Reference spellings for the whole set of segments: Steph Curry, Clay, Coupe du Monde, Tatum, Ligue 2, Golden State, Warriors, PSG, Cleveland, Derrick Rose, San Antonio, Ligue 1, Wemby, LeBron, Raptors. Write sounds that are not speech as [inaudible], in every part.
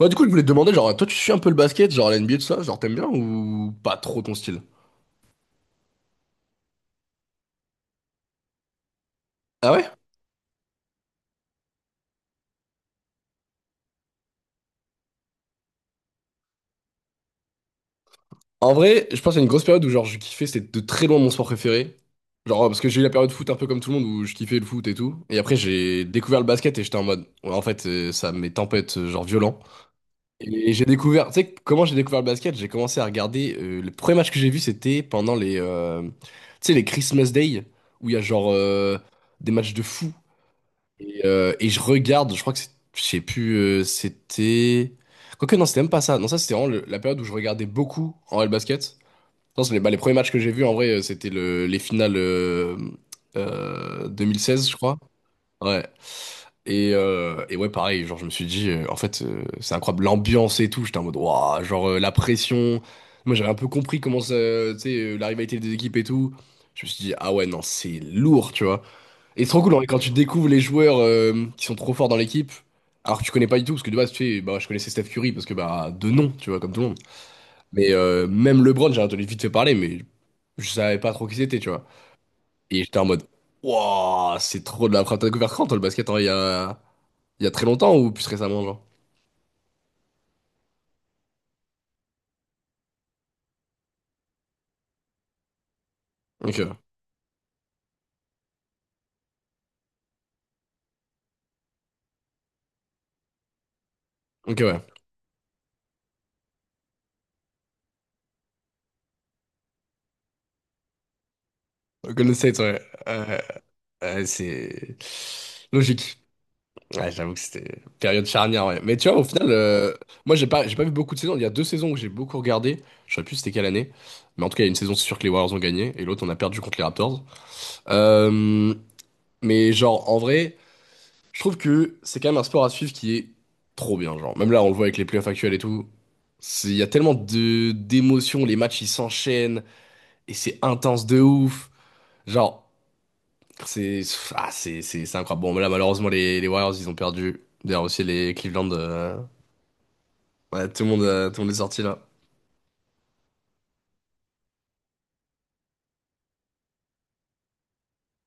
Ouais, du coup, je voulais te demander, genre, toi, tu suis un peu le basket, genre l'NBA, tout ça, genre, t'aimes bien ou pas trop ton style? Ah ouais? En vrai, je pense à une grosse période où, genre, je kiffais, c'était de très loin mon sport préféré. Genre, ouais, parce que j'ai eu la période foot un peu comme tout le monde où je kiffais le foot et tout. Et après, j'ai découvert le basket et j'étais en mode, ouais, en fait, ça m'est tempête, genre, violent. Et j'ai découvert, tu sais, comment j'ai découvert le basket? J'ai commencé à regarder, le premier match que j'ai vu, c'était pendant les, tu sais, les Christmas Day, où il y a, genre, des matchs de fou. Et je regarde, je crois que c'est, je sais plus, c'était. Quoique, non, c'était même pas ça. Non, ça, c'était vraiment la période où je regardais beaucoup en L basket. Non, c'est les, bah, les premiers matchs que j'ai vus, en vrai, c'était le, les finales 2016, je crois. Ouais. Et ouais, pareil, genre, je me suis dit, en fait, c'est incroyable, l'ambiance et tout. J'étais en mode, waouh, genre, la pression. Moi, j'avais un peu compris comment ça, tu sais, la rivalité des équipes et tout. Je me suis dit, ah ouais, non, c'est lourd, tu vois. Et c'est trop cool, en vrai, quand tu découvres les joueurs qui sont trop forts dans l'équipe, alors que tu connais pas du tout, parce que de base, tu sais, bah, je connaissais Steph Curry, parce que bah, de nom, tu vois, comme tout le monde. Mais même LeBron, j'ai entendu vite fait parler, mais je savais pas trop qui c'était, tu vois. Et j'étais en mode, waouh, c'est trop de la frappe. T'as découvert quand, toi, le basket, hein, il y a très longtemps ou plus récemment, genre? Ok, ok, ouais. Golden State, ouais. Euh, c'est logique. Ouais, j'avoue que c'était une période charnière, ouais. Mais tu vois, au final, moi, j'ai pas vu beaucoup de saisons. Il y a deux saisons que j'ai beaucoup regardé. Je sais plus c'était quelle année. Mais en tout cas, il y a une saison, c'est sûr que les Warriors ont gagné. Et l'autre, on a perdu contre les Raptors. Euh, mais genre, en vrai, je trouve que c'est quand même un sport à suivre qui est trop bien. Genre, même là, on le voit avec les playoffs actuels et tout. Il y a tellement de d'émotions. Les matchs, ils s'enchaînent. Et c'est intense de ouf. Genre, c'est ah, c'est incroyable. Bon, mais là, malheureusement, les Warriors, ils ont perdu. D'ailleurs, aussi les Cleveland. Ouais, tout le monde est sorti là.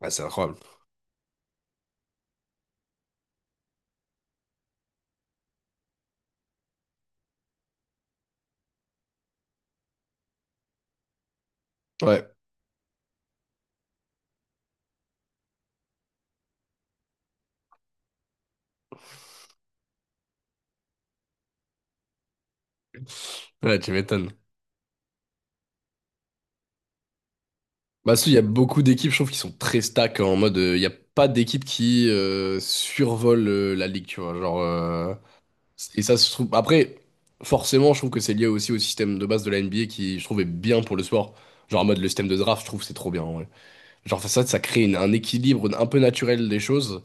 Ouais, c'est incroyable. Ouais. Ouais, tu m'étonnes. Bah, si, il y a beaucoup d'équipes, je trouve, qui sont très stack, hein, en mode, il n'y a pas d'équipe qui survole la ligue, tu vois. Genre, et ça se trouve. Après, forcément, je trouve que c'est lié aussi au système de base de la NBA qui, je trouve, est bien pour le sport. Genre, en mode, le système de draft, je trouve, c'est trop bien, en vrai. Genre, ça crée un équilibre un peu naturel des choses.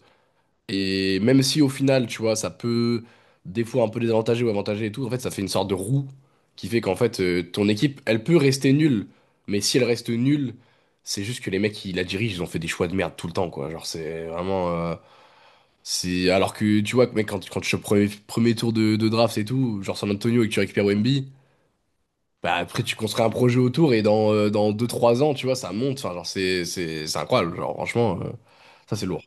Et même si au final, tu vois, ça peut des fois un peu désavantager ou avantager et tout, en fait, ça fait une sorte de roue qui fait qu'en fait, ton équipe, elle peut rester nulle, mais si elle reste nulle, c'est juste que les mecs qui la dirigent, ils ont fait des choix de merde tout le temps, quoi. Genre, c'est vraiment. Alors que, tu vois, mec, quand tu chopes premier tour de draft et tout, genre San Antonio et que tu récupères Wemby, bah après, tu construis un projet autour et dans deux trois ans, tu vois, ça monte. Enfin, genre, c'est incroyable. Genre, franchement, ça, c'est lourd.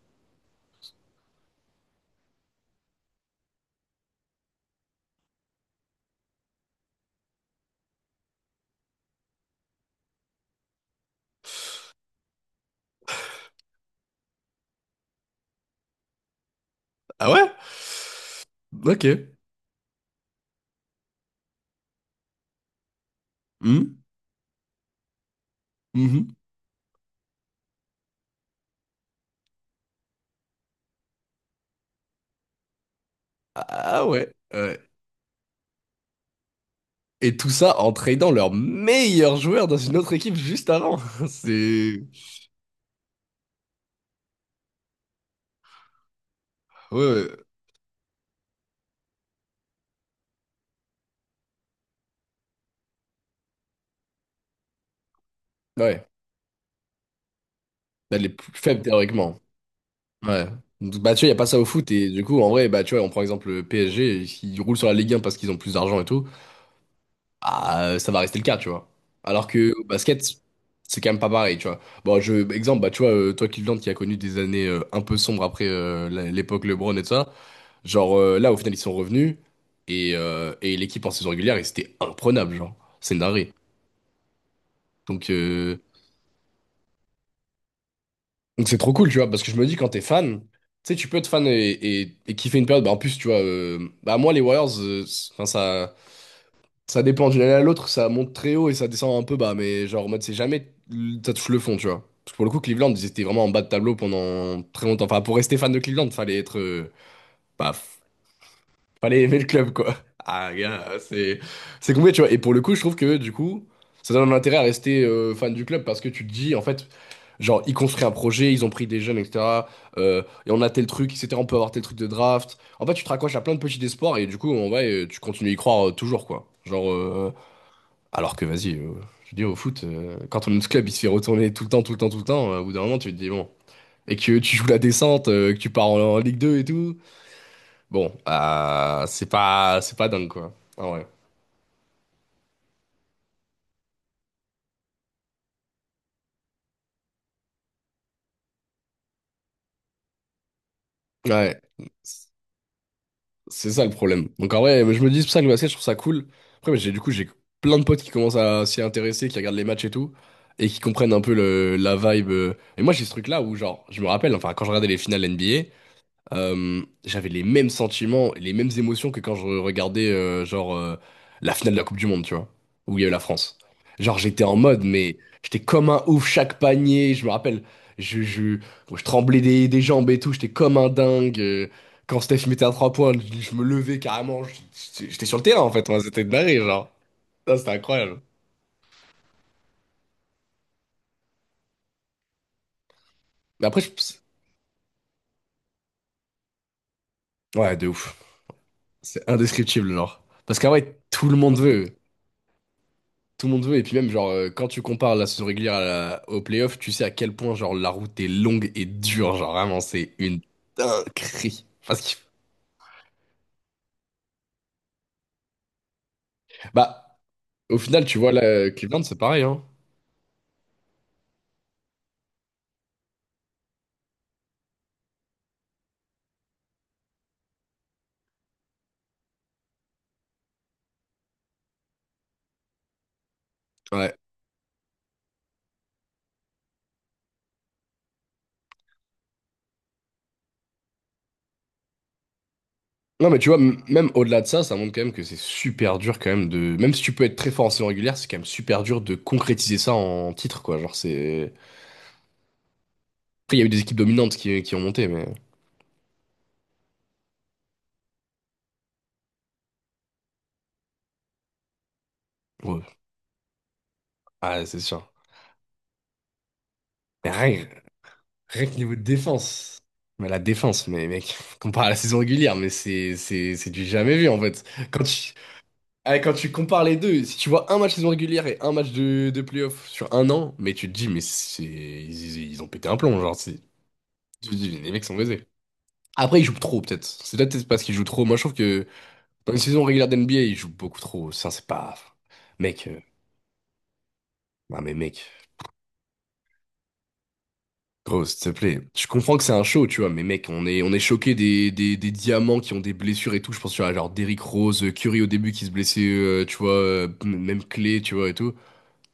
Ah ouais? Ok. Hmm. Mhm. Ah ouais, ouais. Et tout ça en tradant leur meilleur joueur dans une autre équipe juste avant. [laughs] C'est. Ouais, ouais. Ouais. Bah, les plus faibles théoriquement. Ouais. Donc, tu vois, il n'y a pas ça au foot. Et du coup, en vrai, bah, tu vois, on prend exemple le PSG, ils roulent sur la Ligue 1 parce qu'ils ont plus d'argent et tout. Ah, ça va rester le cas, tu vois. Alors que au basket, c'est quand même pas pareil, tu vois. Bon, je, exemple, bah, tu vois, toi, Cleveland, qui a connu des années un peu sombres après l'époque LeBron et tout ça. Genre, là, au final, ils sont revenus et l'équipe en saison régulière, et c'était imprenable, genre. C'est une dinguerie. Donc euh, donc c'est trop cool, tu vois, parce que je me dis quand t'es fan, tu sais, tu peux être fan et kiffer une période. Bah, en plus, tu vois, bah moi les Warriors, enfin ça dépend d'une année à l'autre, ça monte très haut et ça descend un peu bas, mais genre en mode c'est jamais ça touche le fond, tu vois. Parce que pour le coup, Cleveland, ils étaient vraiment en bas de tableau pendant très longtemps. Enfin, pour rester fan de Cleveland, fallait être bah, fallait aimer le club, quoi. Ah, gars, c'est compliqué, tu vois. Et pour le coup, je trouve que, du coup, ça donne un intérêt à rester, fan du club parce que tu te dis, en fait, genre, ils construisent un projet, ils ont pris des jeunes, etc. Et on a tel truc, etc. On peut avoir tel truc de draft. En fait, tu te raccroches à plein de petits espoirs et du coup, en vrai, tu continues à y croire toujours, quoi. Genre, alors que, vas-y, je dis au foot, quand on ce club, il se fait retourner tout le temps, tout le temps, tout le temps. Au bout d'un moment, tu te dis, bon. Et que tu joues la descente, que tu pars en Ligue 2 et tout. Bon, c'est pas dingue, quoi. Ah ouais. Ouais. C'est ça le problème. Donc en vrai, je me dis c'est pour ça que le basket, je trouve ça cool. Après, mais j'ai du coup, j'ai plein de potes qui commencent à s'y intéresser, qui regardent les matchs et tout, et qui comprennent un peu le, la vibe. Et moi, j'ai ce truc-là où, genre, je me rappelle, enfin, quand je regardais les finales NBA, j'avais les mêmes sentiments, les mêmes émotions que quand je regardais genre, la finale de la Coupe du Monde, tu vois, où il y a eu la France. Genre j'étais en mode, mais j'étais comme un ouf chaque panier. Je me rappelle, je, je, je tremblais des jambes et tout. J'étais comme un dingue. Quand Steph mettait un trois points, je me levais carrément. J'étais sur le terrain en fait. Moi, c'était de la genre. Ça, c'était incroyable. Mais après, je... ouais, de ouf. C'est indescriptible, genre. Parce qu'en vrai, tout le monde veut. Tout le monde veut, et puis même, genre, quand tu compares la saison régulière à au playoff, tu sais à quel point, genre, la route est longue et dure. Genre, vraiment, c'est une dinguerie. Parce que, bah, au final, tu vois, là, Cleveland, c'est pareil, hein. Ouais. Non, mais tu vois, même au-delà de ça, ça montre quand même que c'est super dur, quand même, de. Même si tu peux être très fort en saison régulière, c'est quand même super dur de concrétiser ça en titre, quoi. Genre, c'est. Après, il y a eu des équipes dominantes qui ont monté, mais. Ouais. Ah, c'est sûr. Mais rien, rien que niveau de défense. Mais la défense, mais mec, [laughs] compare à la saison régulière, mais c'est du jamais vu en fait. Quand tu, quand tu compares les deux, si tu vois un match saison régulière et un match de playoff sur un an, mais tu te dis, mais c'est, ils ont pété un plomb, genre, tu te dis, les mecs sont baisés. Après, ils jouent trop peut-être. C'est peut-être parce qu'ils jouent trop. Moi, je trouve que dans une saison régulière d'NBA, ils jouent beaucoup trop. Ça, c'est pas. Mec, non mais mec. Gros, s'il te plaît. Je comprends que c'est un show, tu vois, mais mec, on est choqué des diamants qui ont des blessures et tout. Je pense, tu vois, genre Derrick Rose, Curry au début qui se blessait, tu vois, même Clay, tu vois, et tout.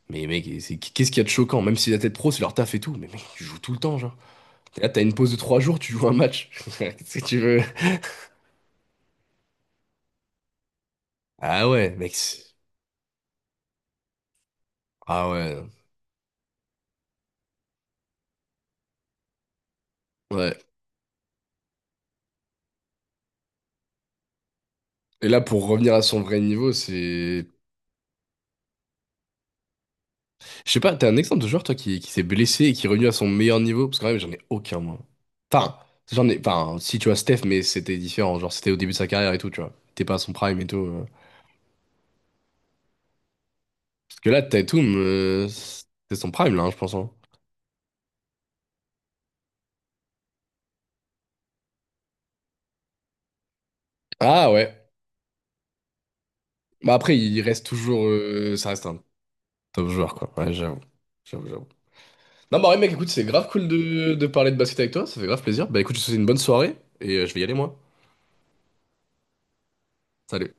Mais mec, qu'est-ce qu'il y a de choquant? Même si la tête pro, c'est leur taf et tout. Mais mec, tu joues tout le temps, genre. Et là, t'as une pause de 3 jours, tu joues un match. [laughs] Qu'est-ce que tu veux? Ah ouais, mec. Ah ouais. Ouais. Et là, pour revenir à son vrai niveau, c'est. Je sais pas, t'as un exemple de joueur, toi, qui s'est blessé et qui est revenu à son meilleur niveau? Parce que quand même, j'en ai aucun, moi. Enfin, j'en ai... Enfin, si, tu vois, Steph, mais c'était différent. Genre, c'était au début de sa carrière et tout, tu vois. T'es pas à son prime et tout. Parce que là, Tatum, c'est son prime, là, hein, je pense, hein. Ah, ouais. Bah, après, il reste toujours... ça reste un top joueur, quoi. Ouais, j'avoue. J'avoue, j'avoue. Non, bah, ouais, mec, écoute, c'est grave cool de parler de basket avec toi. Ça fait grave plaisir. Bah, écoute, je te souhaite une bonne soirée et je vais y aller, moi. Salut.